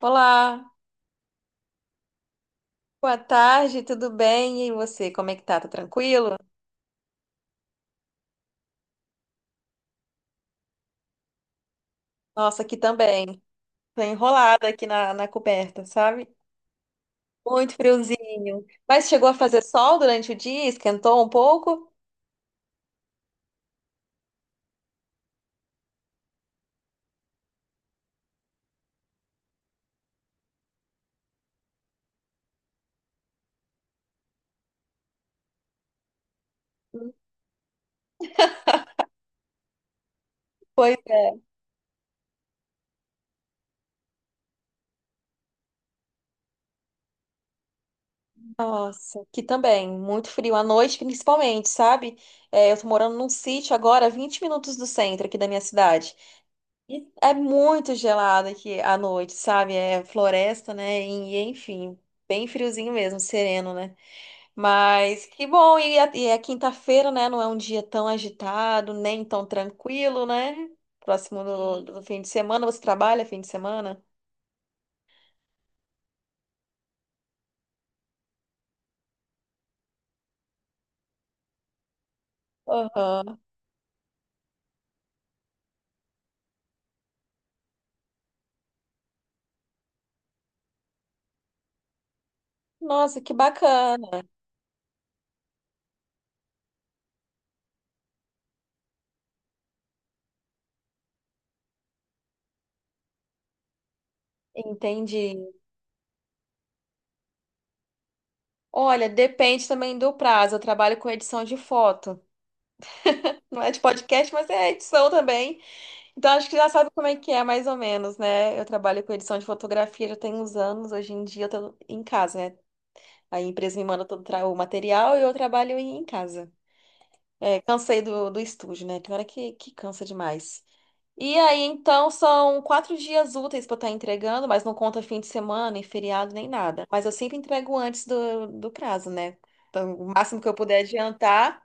Olá, boa tarde, tudo bem? E você, como é que tá? Tá tranquilo? Nossa, aqui também. Tô enrolada aqui na coberta, sabe? Muito friozinho. Mas chegou a fazer sol durante o dia? Esquentou um pouco? Pois é. Nossa, aqui também. Muito frio à noite, principalmente, sabe? É, eu tô morando num sítio agora, 20 minutos do centro aqui da minha cidade. E é muito gelado aqui à noite, sabe? É floresta, né? E, enfim, bem friozinho mesmo, sereno, né? Mas que bom, e é quinta-feira, né? Não é um dia tão agitado, nem tão tranquilo, né? Próximo do fim de semana, você trabalha fim de semana? Aham. Nossa, que bacana. Entendi. Olha, depende também do prazo. Eu trabalho com edição de foto. Não é de podcast, mas é edição também. Então acho que já sabe como é que é, mais ou menos, né? Eu trabalho com edição de fotografia já tem uns anos. Hoje em dia eu tô em casa, né? A empresa me manda o material e eu trabalho em casa. É, cansei do estúdio, né? Tem hora que cansa demais. E aí, então, são 4 dias úteis para estar entregando, mas não conta fim de semana, nem feriado, nem nada. Mas eu sempre entrego antes do prazo, né? Então, o máximo que eu puder adiantar.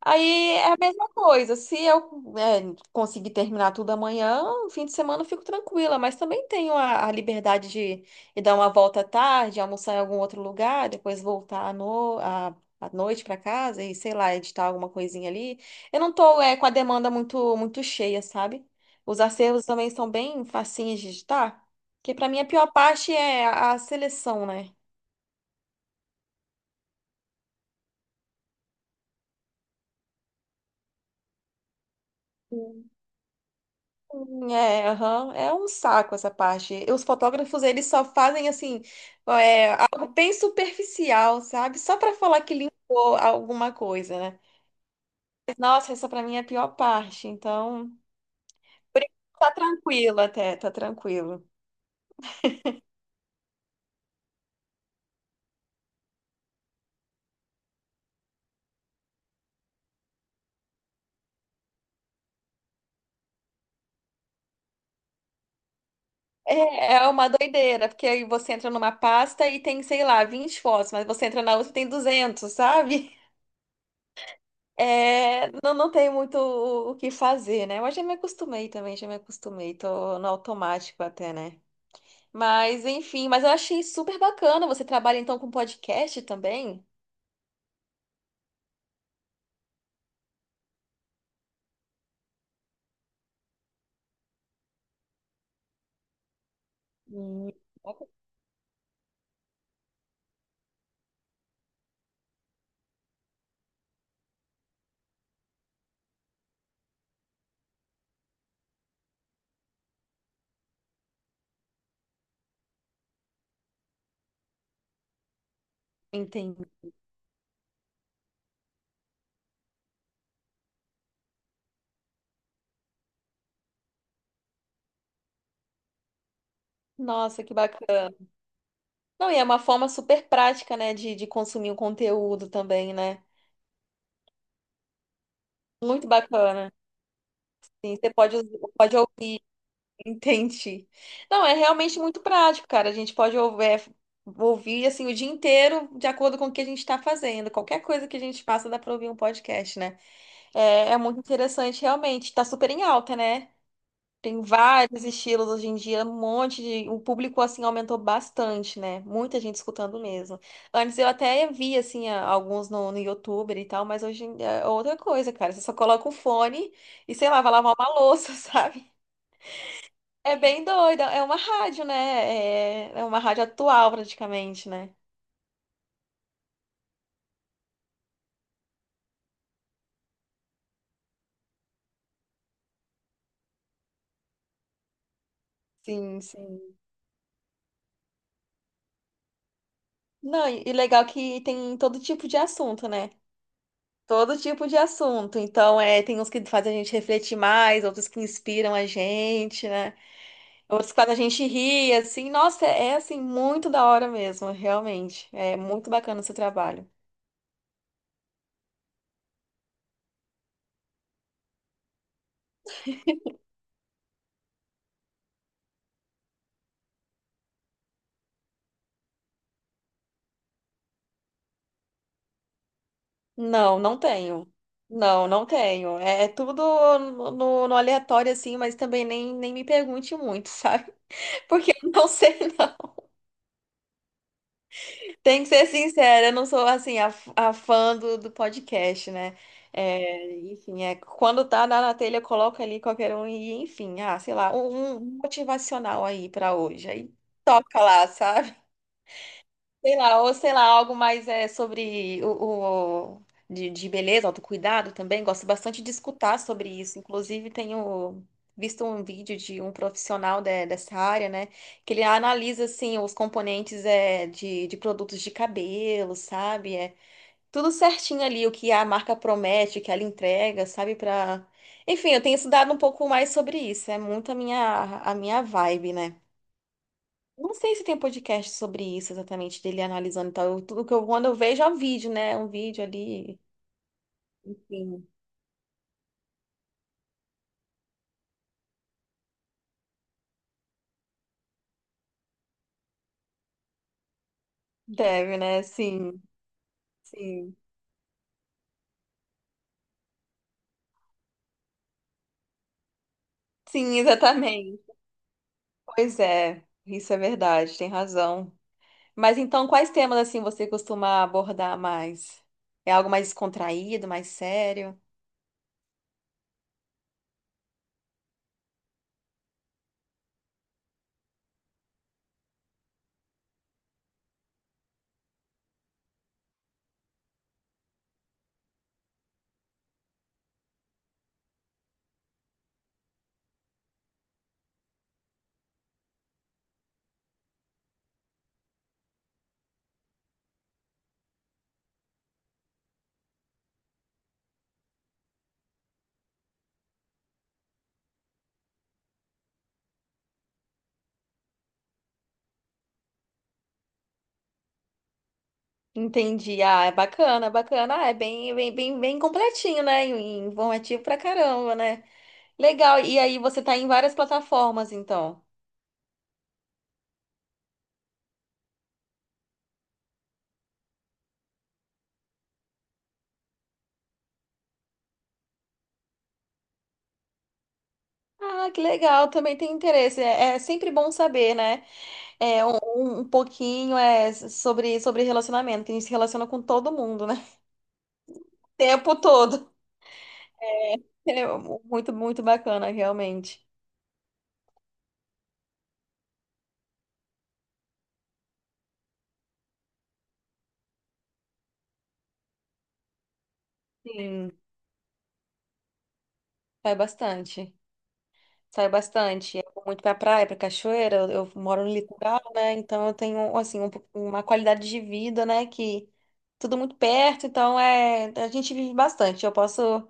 Aí é a mesma coisa. Se eu, é, conseguir terminar tudo amanhã, no fim de semana eu fico tranquila, mas também tenho a liberdade de ir dar uma volta à tarde, almoçar em algum outro lugar, depois voltar à, no, à, à noite para casa e, sei lá, editar alguma coisinha ali. Eu não tô, é, com a demanda muito cheia, sabe? Os acervos também são bem facinhos de editar, porque para mim a pior parte é a seleção, né? É, aham. É um saco essa parte. Os fotógrafos, eles só fazem assim, é, algo bem superficial, sabe? Só pra falar que limpou alguma coisa, né? Nossa, essa pra mim é a pior parte. Então, por enquanto tá tranquilo até, tá tranquilo. É, é uma doideira, porque aí você entra numa pasta e tem, sei lá, 20 fotos, mas você entra na outra e tem 200, sabe? É, não, não tem muito o que fazer, né? Mas já me acostumei também, já me acostumei. Tô no automático até, né? Mas, enfim, mas eu achei super bacana. Você trabalha então com podcast também? Hum, Entendi. Nossa, que bacana. Não, e é uma forma super prática, né, de consumir o conteúdo também, né? Muito bacana. Sim, você pode, pode ouvir, entendi. Não, é realmente muito prático, cara. A gente pode ouvir, ouvir assim o dia inteiro de acordo com o que a gente está fazendo. Qualquer coisa que a gente passa dá para ouvir um podcast, né? É, é muito interessante, realmente. Tá super em alta, né? Tem vários estilos hoje em dia, um monte de. O público, assim, aumentou bastante, né? Muita gente escutando mesmo. Antes eu até vi, assim, alguns no YouTube e tal, mas hoje em dia é outra coisa, cara. Você só coloca o fone e, sei lá, vai lavar uma louça, sabe? É bem doida. É uma rádio, né? É, é uma rádio atual, praticamente, né? Sim, sim. Não, e legal que tem todo tipo de assunto, né? Todo tipo de assunto. Então, é, tem uns que fazem a gente refletir mais, outros que inspiram a gente, né? Outros quando a gente ri, assim, nossa, é, é, assim, muito da hora mesmo, realmente. É muito bacana o seu trabalho. Não, não tenho. Não, não tenho. É, é tudo no aleatório, assim, mas também nem, nem me pergunte muito, sabe? Porque eu não sei, não. Tem que ser sincera, eu não sou, assim, a, a fã do podcast, né? É, enfim, é, quando tá na telha, eu coloco ali qualquer um e, enfim, ah, sei lá, um motivacional aí pra hoje. Aí toca lá, sabe? Sei lá, ou sei lá, algo mais é, sobre de beleza, autocuidado também. Gosto bastante de escutar sobre isso. Inclusive, tenho visto um vídeo de um profissional dessa área, né? Que ele analisa, assim, os componentes é, de produtos de cabelo, sabe? É tudo certinho ali, o que a marca promete, o que ela entrega, sabe? Pra... Enfim, eu tenho estudado um pouco mais sobre isso. É muito a minha vibe, né? Não sei se tem podcast sobre isso exatamente, dele analisando e tal. Tudo que eu, quando eu vejo é um vídeo, né? Um vídeo ali. Enfim. Deve, né? Sim, sim. Sim, exatamente. Pois é, isso é verdade, tem razão. Mas então, quais temas assim você costuma abordar mais? É algo mais descontraído, mais sério? Entendi. Ah, é bacana, bacana. Ah, é bem, bem, bem, bem completinho, né? E informativo pra caramba, né? Legal. E aí você tá em várias plataformas, então. Ah, que legal, também tem interesse. É, é sempre bom saber, né? É, um, um pouquinho é sobre, sobre relacionamento, que a gente se relaciona com todo mundo, né? O tempo todo. É muito, muito bacana, realmente. Sim, é bastante. Saio bastante. Eu vou muito pra praia, pra cachoeira. Eu moro no litoral, né? Então eu tenho, assim, uma qualidade de vida, né? Que tudo muito perto. Então é, a gente vive bastante. Eu posso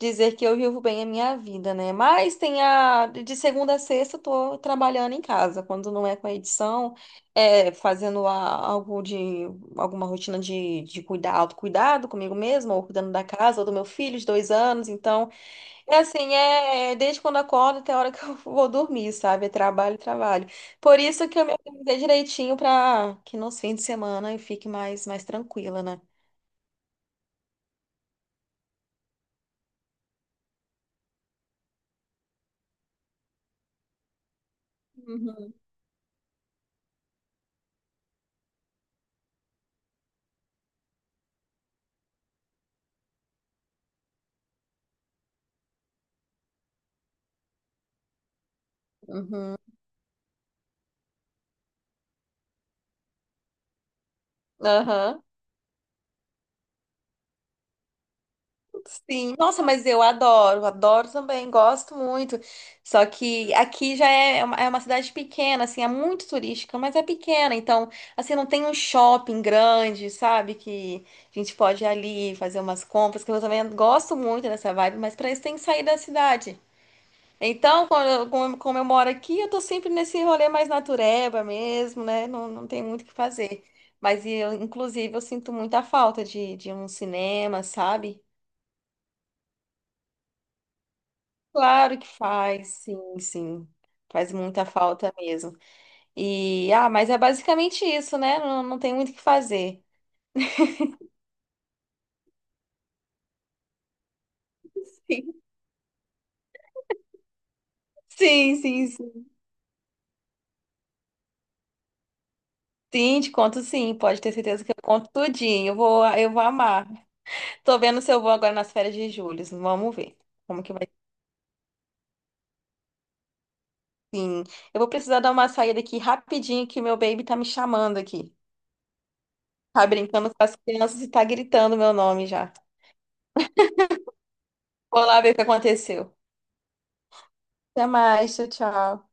dizer que eu vivo bem a minha vida, né? Mas tem a, de segunda a sexta eu tô trabalhando em casa. Quando não é com a edição, é algo de, alguma rotina de cuidar, autocuidado comigo mesma, ou cuidando da casa, ou do meu filho de 2 anos. Então. É assim, é é, desde quando acordo até a hora que eu vou dormir, sabe? É trabalho, trabalho. Por isso que eu me organizei direitinho para que nos fins de semana eu fique mais, mais tranquila, né? Uhum, uhum. Aham. Sim, nossa, mas eu adoro, adoro também, gosto muito. Só que aqui já é uma cidade pequena, assim, é muito turística, mas é pequena, então, assim, não tem um shopping grande, sabe? Que a gente pode ir ali fazer umas compras, que eu também gosto muito dessa vibe, mas para isso tem que sair da cidade. Então, como, como eu moro aqui, eu tô sempre nesse rolê mais natureba mesmo, né? Não, não tem muito o que fazer. Mas eu, inclusive, eu sinto muita falta de um cinema, sabe? Claro que faz, sim, sim. Faz muita falta mesmo. E, ah, mas é basicamente isso, né? Não, não tem muito o que fazer. Sim, sim, sim. Sim, sim, te conto sim. Pode ter certeza que eu conto tudinho. Eu vou amar. Tô vendo se eu vou agora nas férias de julho. Vamos ver como que vai. Eu vou precisar dar uma saída aqui rapidinho, que meu baby tá me chamando aqui. Tá brincando com as crianças e tá gritando meu nome já. Vou lá ver o que aconteceu. Até mais, tchau, tchau.